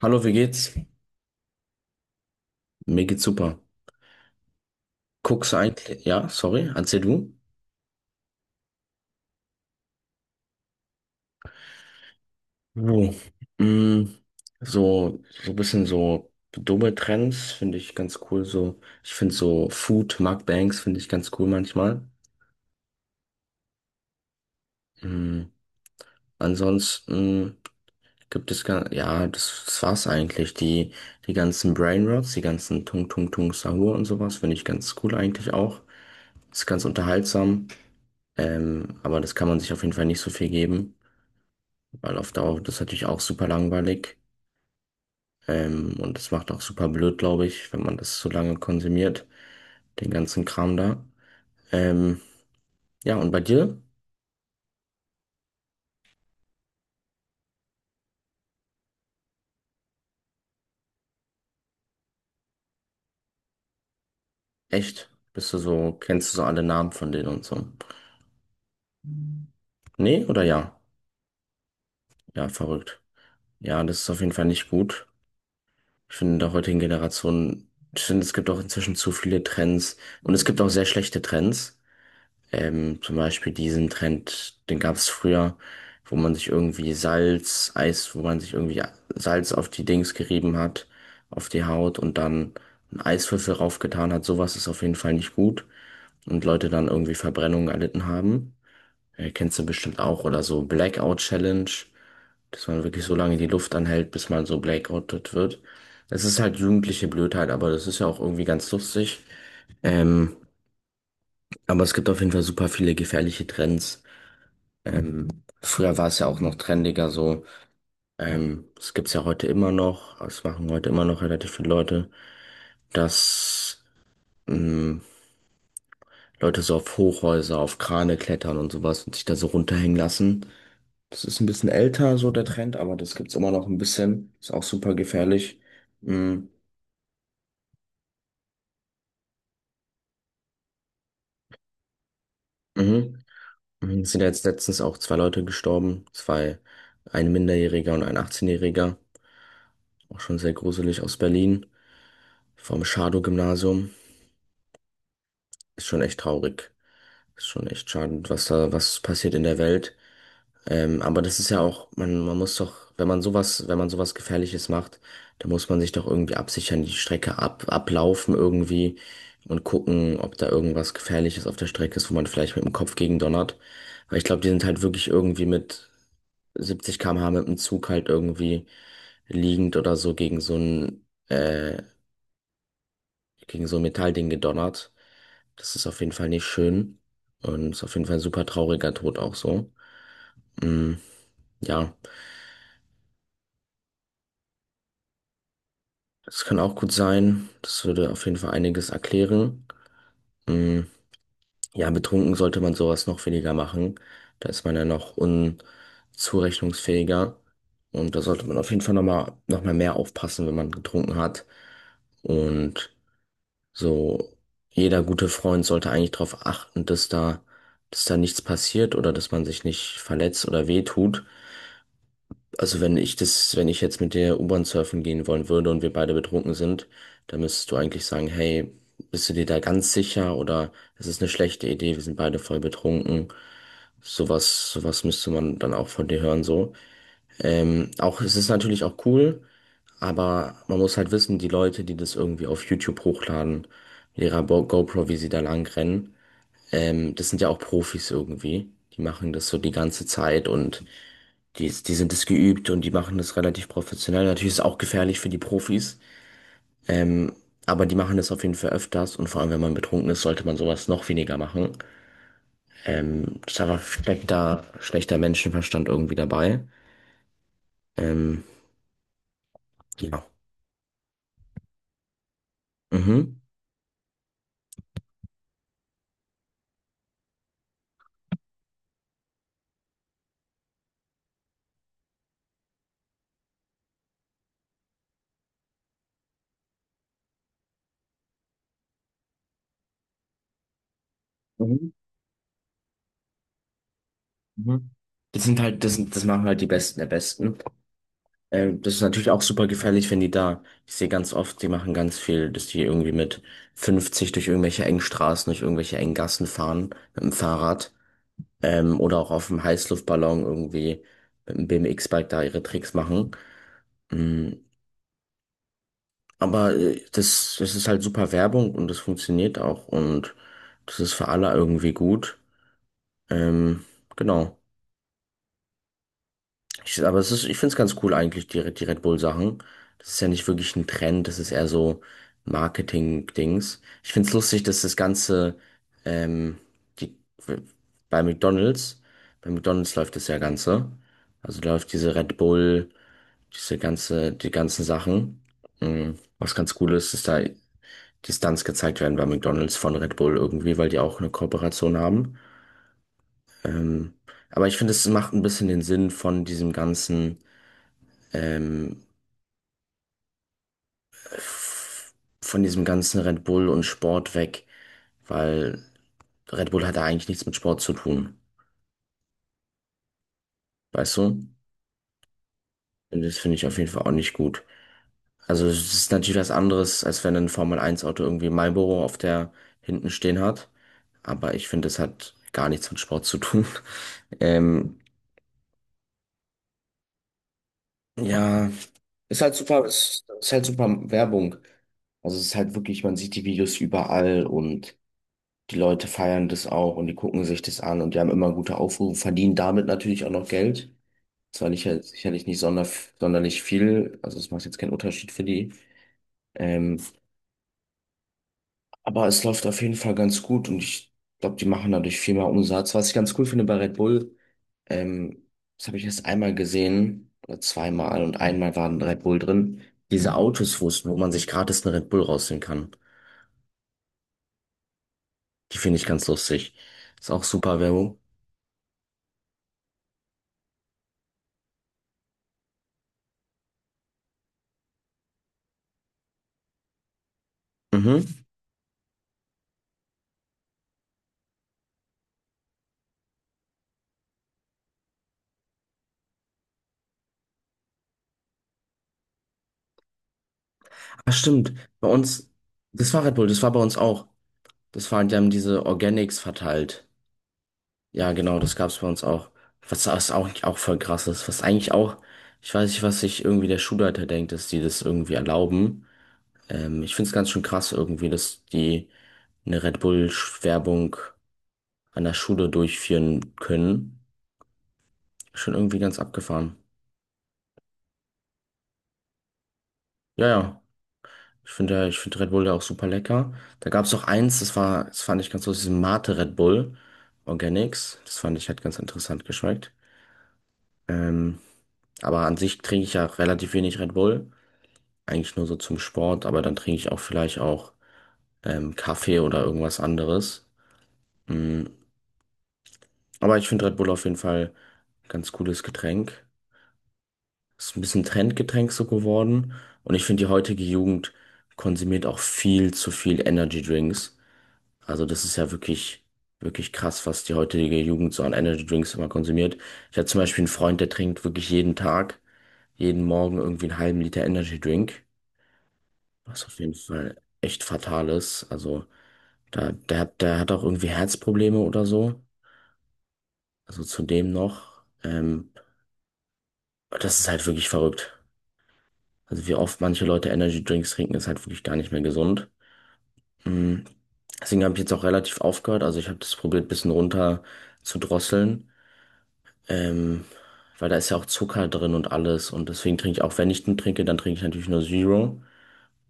Hallo, wie geht's? Mir geht's super. Guckst du eigentlich, ja, sorry, erzähl du. Oh. Mm, so ein bisschen so dumme Trends finde ich ganz cool. So, ich finde so Food Mukbangs finde ich ganz cool manchmal. Mm, Ansonsten gibt es gar, ja, das war's eigentlich. Die ganzen Brainrots, die ganzen Tung Tung Tung Sahur und sowas finde ich ganz cool eigentlich auch. Ist ganz unterhaltsam. Aber das kann man sich auf jeden Fall nicht so viel geben. Weil auf Dauer wird das natürlich auch super langweilig. Und das macht auch super blöd, glaube ich, wenn man das so lange konsumiert, den ganzen Kram da. Ähm, ja, und bei dir? Echt? Bist du so, kennst du so alle Namen von denen und so? Nee oder ja? Ja, verrückt. Ja, das ist auf jeden Fall nicht gut. Ich finde, in der heutigen Generation, ich finde, es gibt auch inzwischen zu viele Trends. Und es gibt auch sehr schlechte Trends. Zum Beispiel diesen Trend, den gab es früher, wo man sich irgendwie Salz, Eis, wo man sich irgendwie Salz auf die Dings gerieben hat, auf die Haut und dann einen Eiswürfel raufgetan hat. Sowas ist auf jeden Fall nicht gut und Leute dann irgendwie Verbrennungen erlitten haben. Kennst du bestimmt auch oder so Blackout Challenge, dass man wirklich so lange die Luft anhält, bis man so blackoutet wird. Das ist halt jugendliche Blödheit, aber das ist ja auch irgendwie ganz lustig. Ähm, aber es gibt auf jeden Fall super viele gefährliche Trends. Ähm, Früher war es ja auch noch trendiger so. Das gibt's ja heute immer noch. Das machen heute immer noch relativ viele Leute, dass ähm, Leute so auf Hochhäuser, auf Krane klettern und sowas und sich da so runterhängen lassen. Das ist ein bisschen älter, so der Trend, aber das gibt's immer noch ein bisschen. Ist auch super gefährlich. Mhm. Mhm. Mhm. Es sind ja jetzt letztens auch zwei Leute gestorben. Zwei, ein Minderjähriger und ein 18-Jähriger. Auch schon sehr gruselig aus Berlin. Vom Schadow-Gymnasium. Ist schon echt traurig. Ist schon echt schade, was da, was passiert in der Welt. Aber das ist ja auch, man muss doch, wenn man sowas, wenn man sowas Gefährliches macht, dann muss man sich doch irgendwie absichern, die Strecke ab, ablaufen irgendwie und gucken, ob da irgendwas Gefährliches auf der Strecke ist, wo man vielleicht mit dem Kopf gegen donnert. Weil ich glaube, die sind halt wirklich irgendwie mit 70 km/h mit dem Zug halt irgendwie liegend oder so äh, gegen so ein Metallding gedonnert. Das ist auf jeden Fall nicht schön und ist auf jeden Fall ein super trauriger Tod auch so. Mm, ja, das kann auch gut sein. Das würde auf jeden Fall einiges erklären. Mm, ja, betrunken sollte man sowas noch weniger machen. Da ist man ja noch unzurechnungsfähiger. Und da sollte man auf jeden Fall nochmal noch mal mehr aufpassen, wenn man getrunken hat. Und so jeder gute Freund sollte eigentlich darauf achten, dass da nichts passiert oder dass man sich nicht verletzt oder wehtut. Also wenn ich das, wenn ich jetzt mit dir U-Bahn surfen gehen wollen würde und wir beide betrunken sind, dann müsstest du eigentlich sagen, hey, bist du dir da ganz sicher oder es ist eine schlechte Idee, wir sind beide voll betrunken. Sowas, sowas müsste man dann auch von dir hören, so. Auch, es ist natürlich auch cool, aber man muss halt wissen, die Leute, die das irgendwie auf YouTube hochladen, mit ihrer GoPro, wie sie da lang rennen, das sind ja auch Profis irgendwie. Die machen das so die ganze Zeit und die sind es geübt und die machen das relativ professionell. Natürlich ist es auch gefährlich für die Profis, ähm, aber die machen das auf jeden Fall öfters und vor allem, wenn man betrunken ist, sollte man sowas noch weniger machen. Das ist einfach schlechter, schlechter Menschenverstand irgendwie dabei. Ähm, ja. Mhm. Mhm. Mhm. Das sind halt, das sind, das machen halt die Besten der Besten. Das ist natürlich auch super gefährlich, wenn die da, ich sehe ganz oft, die machen ganz viel, dass die irgendwie mit 50 durch irgendwelche engen Straßen, durch irgendwelche engen Gassen fahren, mit dem Fahrrad. Oder auch auf dem Heißluftballon irgendwie mit einem BMX-Bike da ihre Tricks machen. Mm, Aber das ist halt super Werbung und das funktioniert auch und das ist für alle irgendwie gut. Ähm, genau. Ich, aber es ist, ich finde es ganz cool eigentlich, die Red Bull-Sachen. Das ist ja nicht wirklich ein Trend, das ist eher so Marketing-Dings. Ich finde es lustig, dass das Ganze ähm, die, bei McDonald's, bei McDonald's läuft das ja Ganze. Also läuft diese Red Bull. Diese ganze, die ganzen Sachen. Mhm. Was ganz cool ist, ist da die Stunts gezeigt werden bei McDonald's von Red Bull irgendwie, weil die auch eine Kooperation haben. Ähm, aber ich finde, es macht ein bisschen den Sinn von diesem ganzen, ähm, f- von diesem ganzen Red Bull und Sport weg, weil Red Bull hat da eigentlich nichts mit Sport zu tun. Weißt du? Und das finde ich auf jeden Fall auch nicht gut. Also es ist natürlich was anderes, als wenn ein formel Eins auto irgendwie Marlboro auf der hinten stehen hat. Aber ich finde, es hat gar nichts mit Sport zu tun. Ähm, ja, ist halt super, ist halt super Werbung. Also es ist halt wirklich, man sieht die Videos überall und die Leute feiern das auch und die gucken sich das an und die haben immer gute Aufrufe, verdienen damit natürlich auch noch Geld. Zwar nicht, sicherlich nicht sonderlich viel, also es macht jetzt keinen Unterschied für die. Ähm, Aber es läuft auf jeden Fall ganz gut und ich glaube, die machen dadurch viel mehr Umsatz. Was ich ganz cool finde bei Red Bull, ähm, das habe ich erst einmal gesehen oder zweimal und einmal waren Red Bull drin. Diese Autos, wo wo man sich gratis einen Red Bull rausnehmen kann, die finde ich ganz lustig. Ist auch super Werbung. Mhm. Ah, stimmt. Bei uns, das war Red Bull, das war bei uns auch. Das waren, die haben diese Organics verteilt. Ja, genau, das gab's bei uns auch. Was, was auch, auch voll krass ist. Was eigentlich auch, ich weiß nicht, was sich irgendwie der Schulleiter denkt, dass die das irgendwie erlauben. Ich find's ganz schön krass irgendwie, dass die eine Red Bull-Werbung an der Schule durchführen können. Schon irgendwie ganz abgefahren. Ja, ja. Ich finde Red Bull ja auch super lecker. Da gab's auch eins, das war, das fand ich ganz lustig, diesen Mate Red Bull Organics. Das fand ich, hat ganz interessant geschmeckt. Ähm, aber an sich trinke ich ja relativ wenig Red Bull. Eigentlich nur so zum Sport, aber dann trinke ich auch vielleicht auch Kaffee oder irgendwas anderes. Mm, Aber ich finde Red Bull auf jeden Fall ein ganz cooles Getränk. Ist ein bisschen Trendgetränk so geworden. Und ich finde, die heutige Jugend konsumiert auch viel zu viel Energy Drinks. Also das ist ja wirklich, wirklich krass, was die heutige Jugend so an Energy Drinks immer konsumiert. Ich habe zum Beispiel einen Freund, der trinkt wirklich jeden Tag, jeden Morgen irgendwie einen halben Liter Energy Drink, was auf jeden Fall echt fatal ist. Also da, der, der hat auch irgendwie Herzprobleme oder so. Also zudem noch. Das ist halt wirklich verrückt. Also wie oft manche Leute Energy Drinks trinken, ist halt wirklich gar nicht mehr gesund. Mm. Deswegen habe ich jetzt auch relativ aufgehört. Also ich habe das probiert, ein bisschen runter zu drosseln. Ähm, Weil da ist ja auch Zucker drin und alles. Und deswegen trinke ich auch, wenn ich einen trinke, dann trinke ich natürlich nur Zero.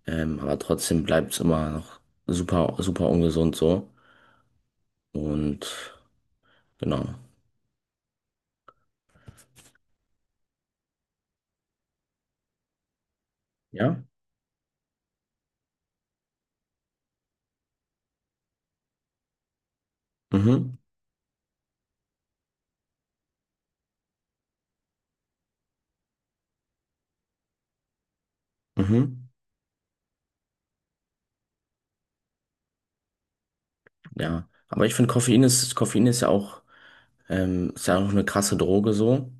Aber trotzdem bleibt es immer noch super, super ungesund so. Und genau. Ja. Mhm. Mhm. Ja, aber ich finde, Koffein ist ja auch eine krasse Droge so.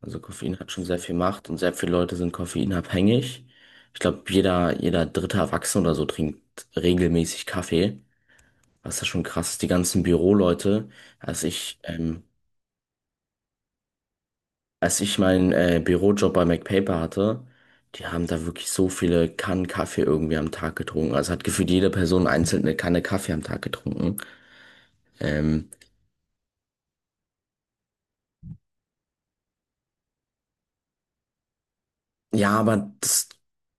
Also Koffein hat schon sehr viel Macht und sehr viele Leute sind koffeinabhängig. Ich glaube, jeder dritte Erwachsene oder so trinkt regelmäßig Kaffee. Was ja schon krass ist, die ganzen Büroleute. Als ich, ähm, als ich meinen Bürojob bei MacPaper hatte, die haben da wirklich so viele Kannen Kaffee irgendwie am Tag getrunken. Also hat gefühlt jede Person einzeln eine Kanne Kaffee am Tag getrunken. Ähm, Ja, aber das,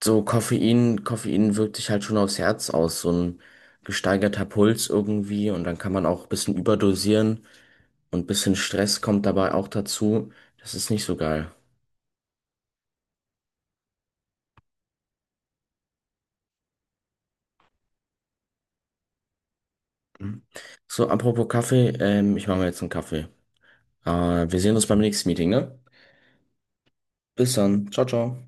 so Koffein, Koffein wirkt sich halt schon aufs Herz aus, so ein gesteigerter Puls irgendwie und dann kann man auch ein bisschen überdosieren und ein bisschen Stress kommt dabei auch dazu. Das ist nicht so geil. Mhm. So, apropos Kaffee, ich mache mir jetzt einen Kaffee. Wir sehen uns beim nächsten Meeting, ne? Bis dann. Ciao, ciao.